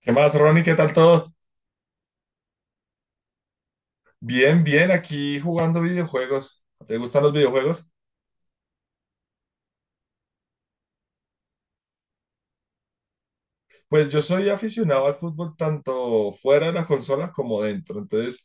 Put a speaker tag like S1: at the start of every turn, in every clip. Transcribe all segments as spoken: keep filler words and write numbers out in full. S1: ¿Qué más, Ronnie? ¿Qué tal todo? Bien, bien, aquí jugando videojuegos. ¿Te gustan los videojuegos? Pues yo soy aficionado al fútbol tanto fuera de la consola como dentro. Entonces,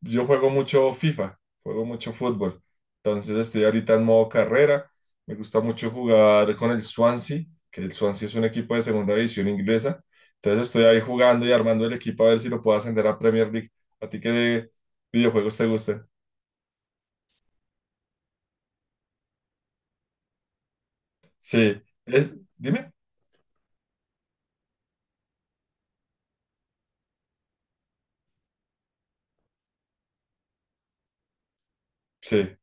S1: yo juego mucho FIFA, juego mucho fútbol. Entonces, estoy ahorita en modo carrera. Me gusta mucho jugar con el Swansea, que el Swansea es un equipo de segunda división inglesa. Entonces, estoy ahí jugando y armando el equipo a ver si lo puedo ascender a Premier League. ¿A ti qué videojuegos te gustan? Sí, es, dime. Sí.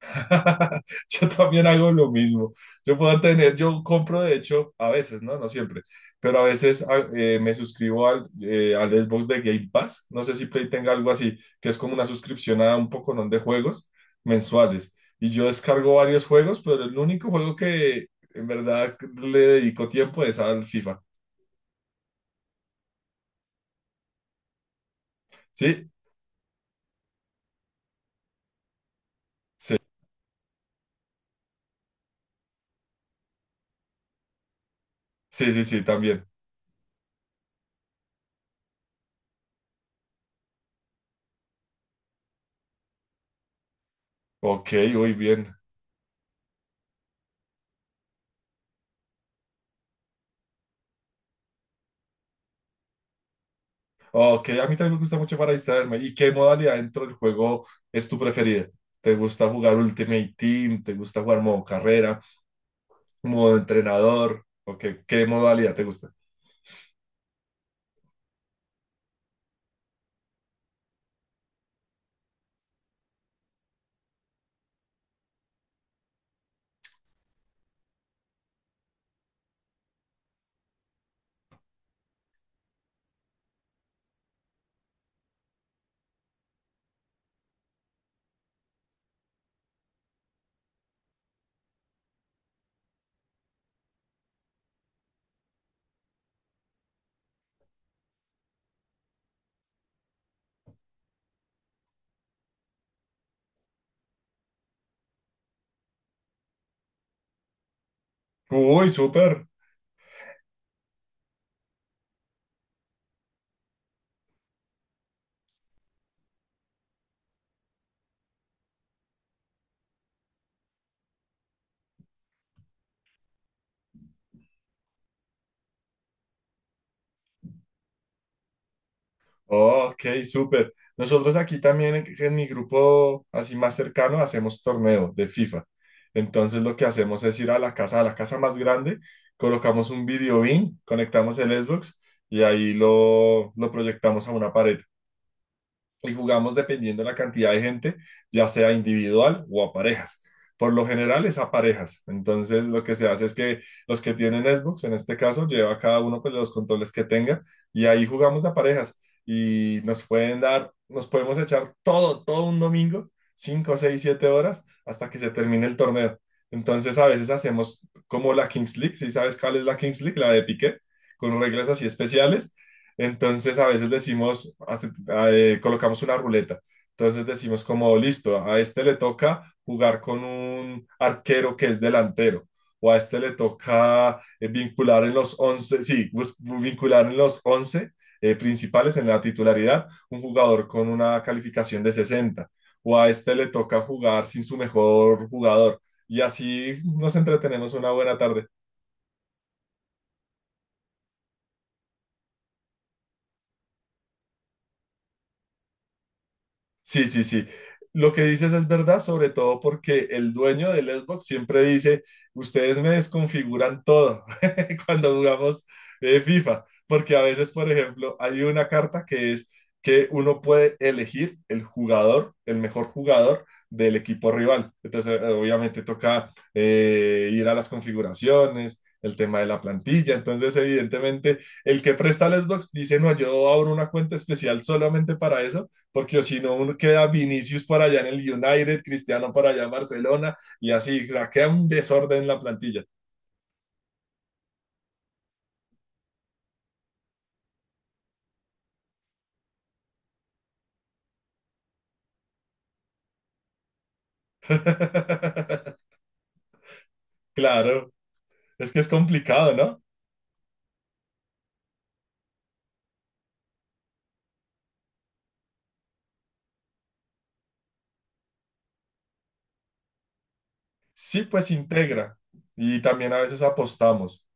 S1: Yo también hago lo mismo. Yo puedo tener, yo compro de hecho, a veces, ¿no? No siempre, pero a veces a- eh, me suscribo al, eh, al Xbox de Game Pass. No sé si Play tenga algo así, que es como una suscripción a un poconón de juegos mensuales. Y yo descargo varios juegos, pero el único juego que en verdad le dedico tiempo es al FIFA. ¿Sí? Sí, sí, sí, sí, también. Ok, muy bien. Ok, a mí también me gusta mucho para distraerme. ¿Y qué modalidad dentro del juego es tu preferida? ¿Te gusta jugar Ultimate Team? ¿Te gusta jugar modo carrera? ¿Modo entrenador? ¿O qué, qué modalidad te gusta? Uy, súper. Ok, súper. Nosotros aquí también en, en mi grupo así más cercano hacemos torneo de FIFA. Entonces lo que hacemos es ir a la casa, a la casa más grande, colocamos un video beam, conectamos el Xbox y ahí lo, lo proyectamos a una pared. Y jugamos dependiendo de la cantidad de gente, ya sea individual o a parejas. Por lo general es a parejas. Entonces lo que se hace es que los que tienen Xbox, en este caso, lleva cada uno pues, los controles que tenga y ahí jugamos a parejas y nos pueden dar, nos podemos echar todo, todo un domingo, cinco seis siete horas hasta que se termine el torneo. Entonces a veces hacemos como la Kings League, si sabes cuál es la Kings League, la de Piqué, con reglas así especiales, entonces a veces decimos, hace- eh, colocamos una ruleta. Entonces decimos como, listo, a este le toca jugar con un arquero que es delantero, o a este le toca eh, vincular en los once sí, bus- vincular en los once eh, principales en la titularidad un jugador con una calificación de sesenta o a este le toca jugar sin su mejor jugador. Y así nos entretenemos una buena tarde. Sí, sí, sí. Lo que dices es verdad, sobre todo porque el dueño del Xbox siempre dice, ustedes me desconfiguran todo cuando jugamos eh, FIFA, porque a veces, por ejemplo, hay una carta que es que uno puede elegir el jugador, el mejor jugador del equipo rival. Entonces, eh, obviamente toca eh, ir a las configuraciones, el tema de la plantilla. Entonces, evidentemente, el que presta el Xbox dice, no, yo abro una cuenta especial solamente para eso porque o si no, uno queda Vinicius para allá en el United, Cristiano para allá en Barcelona, y así, o sea, queda un desorden en la plantilla. Claro, es que es complicado, ¿no? Sí, pues integra, y también a veces apostamos.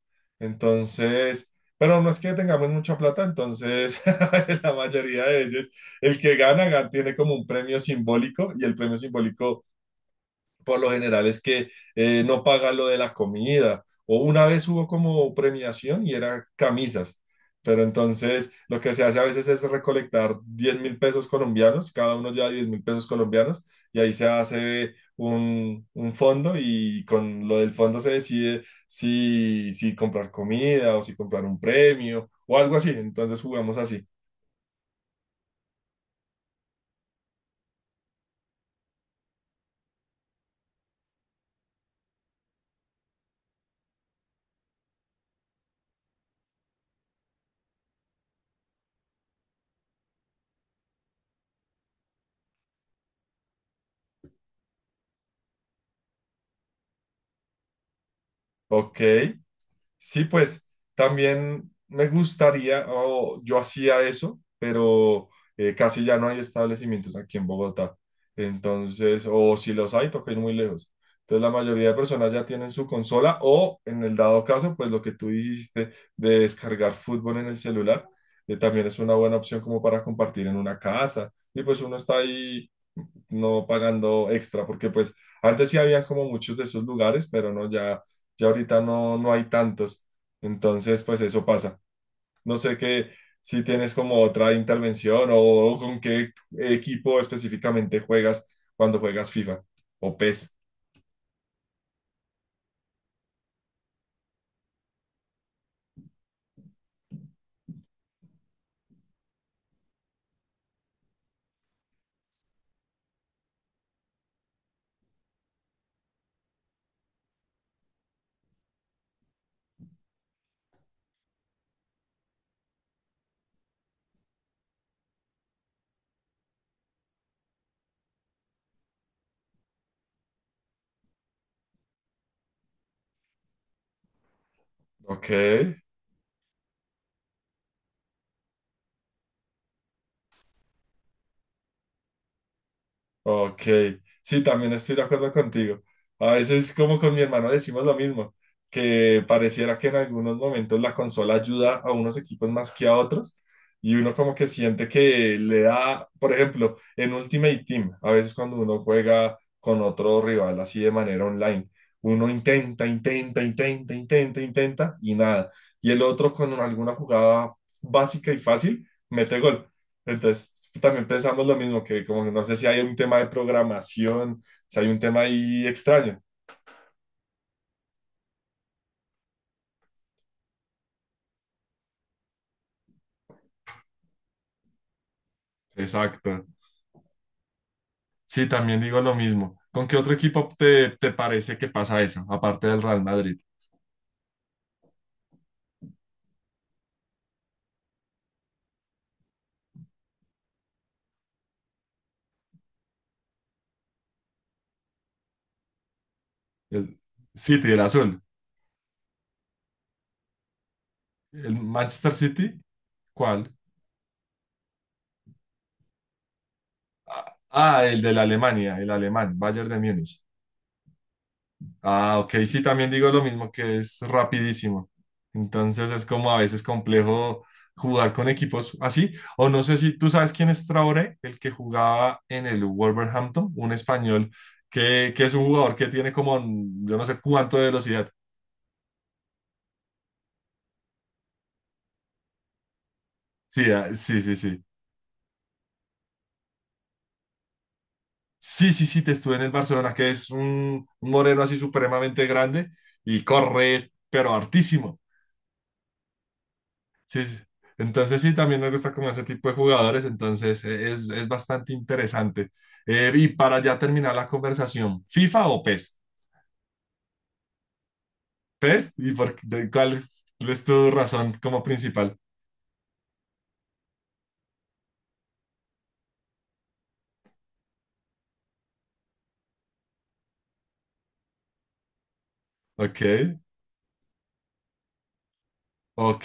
S1: Entonces, pero no es que tengamos mucha plata, entonces la mayoría de veces el que gana, gan- tiene como un premio simbólico, y el premio simbólico por lo general es que eh, no paga lo de la comida. O una vez hubo como premiación y era camisas. Pero entonces lo que se hace a veces es recolectar diez mil pesos colombianos, cada uno lleva diez mil pesos colombianos y ahí se hace un, un fondo y con lo del fondo se decide si, si comprar comida o si comprar un premio o algo así. Entonces jugamos así. Ok. Sí, pues también me gustaría, o yo hacía eso, pero eh, casi ya no hay establecimientos aquí en Bogotá. Entonces, o si los hay, toca ir muy lejos. Entonces, la mayoría de personas ya tienen su consola o, en el dado caso, pues lo que tú dijiste de descargar fútbol en el celular, eh, también es una buena opción como para compartir en una casa. Y pues uno está ahí no pagando extra, porque pues antes sí había como muchos de esos lugares, pero no, ya, ya ahorita no, no hay tantos. Entonces, pues eso pasa. No sé qué, si tienes como otra intervención o, o con qué equipo específicamente juegas cuando juegas FIFA o pes. Ok. Ok, sí, también estoy de acuerdo contigo. A veces, como con mi hermano, decimos lo mismo, que pareciera que en algunos momentos la consola ayuda a unos equipos más que a otros, y uno como que siente que le da, por ejemplo, en Ultimate Team, a veces cuando uno juega con otro rival así de manera online, uno intenta, intenta, intenta, intenta, intenta, y nada. Y el otro con alguna jugada básica y fácil, mete gol. Entonces, también pensamos lo mismo, que como que no sé si hay un tema de programación, si hay un tema ahí extraño. Exacto. Sí, también digo lo mismo. ¿Con qué otro equipo te, te parece que pasa eso, aparte del Real Madrid? El City, el azul. ¿El Manchester City? ¿Cuál? Ah, ah, el de la Alemania, el alemán, Bayern de Múnich. Ah, ok, sí, también digo lo mismo, que es rapidísimo. Entonces es como a veces complejo jugar con equipos así. O no sé si tú sabes quién es Traoré, el que jugaba en el Wolverhampton, un español que, que es un jugador que tiene como mm, yo no sé cuánto de velocidad. Sí, ah, sí, sí, sí. Sí, sí, sí, te estuve en el Barcelona, que es un un moreno así supremamente grande y corre, pero hartísimo. Sí, sí. Entonces sí, también me gusta como ese tipo de jugadores, entonces eh, es, es bastante interesante. Eh, y para ya terminar la conversación, ¿FIFA o pes? ¿pes? ¿Y por, qué- de cuál es tu razón como principal? Ok, ok.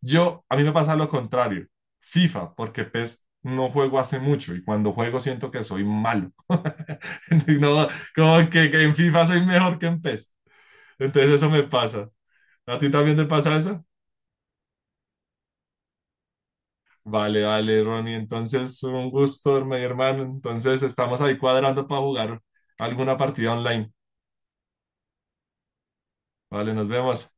S1: Yo, a mí me pasa lo contrario, FIFA, porque pes no juego hace mucho y cuando juego siento que soy malo. No, como que, que en FIFA soy mejor que en pes. Entonces eso me pasa. ¿A ti también te pasa eso? Vale, vale, Ronnie. Entonces, un gusto, mi hermano. Entonces, estamos ahí cuadrando para jugar alguna partida online. Vale, nos vemos.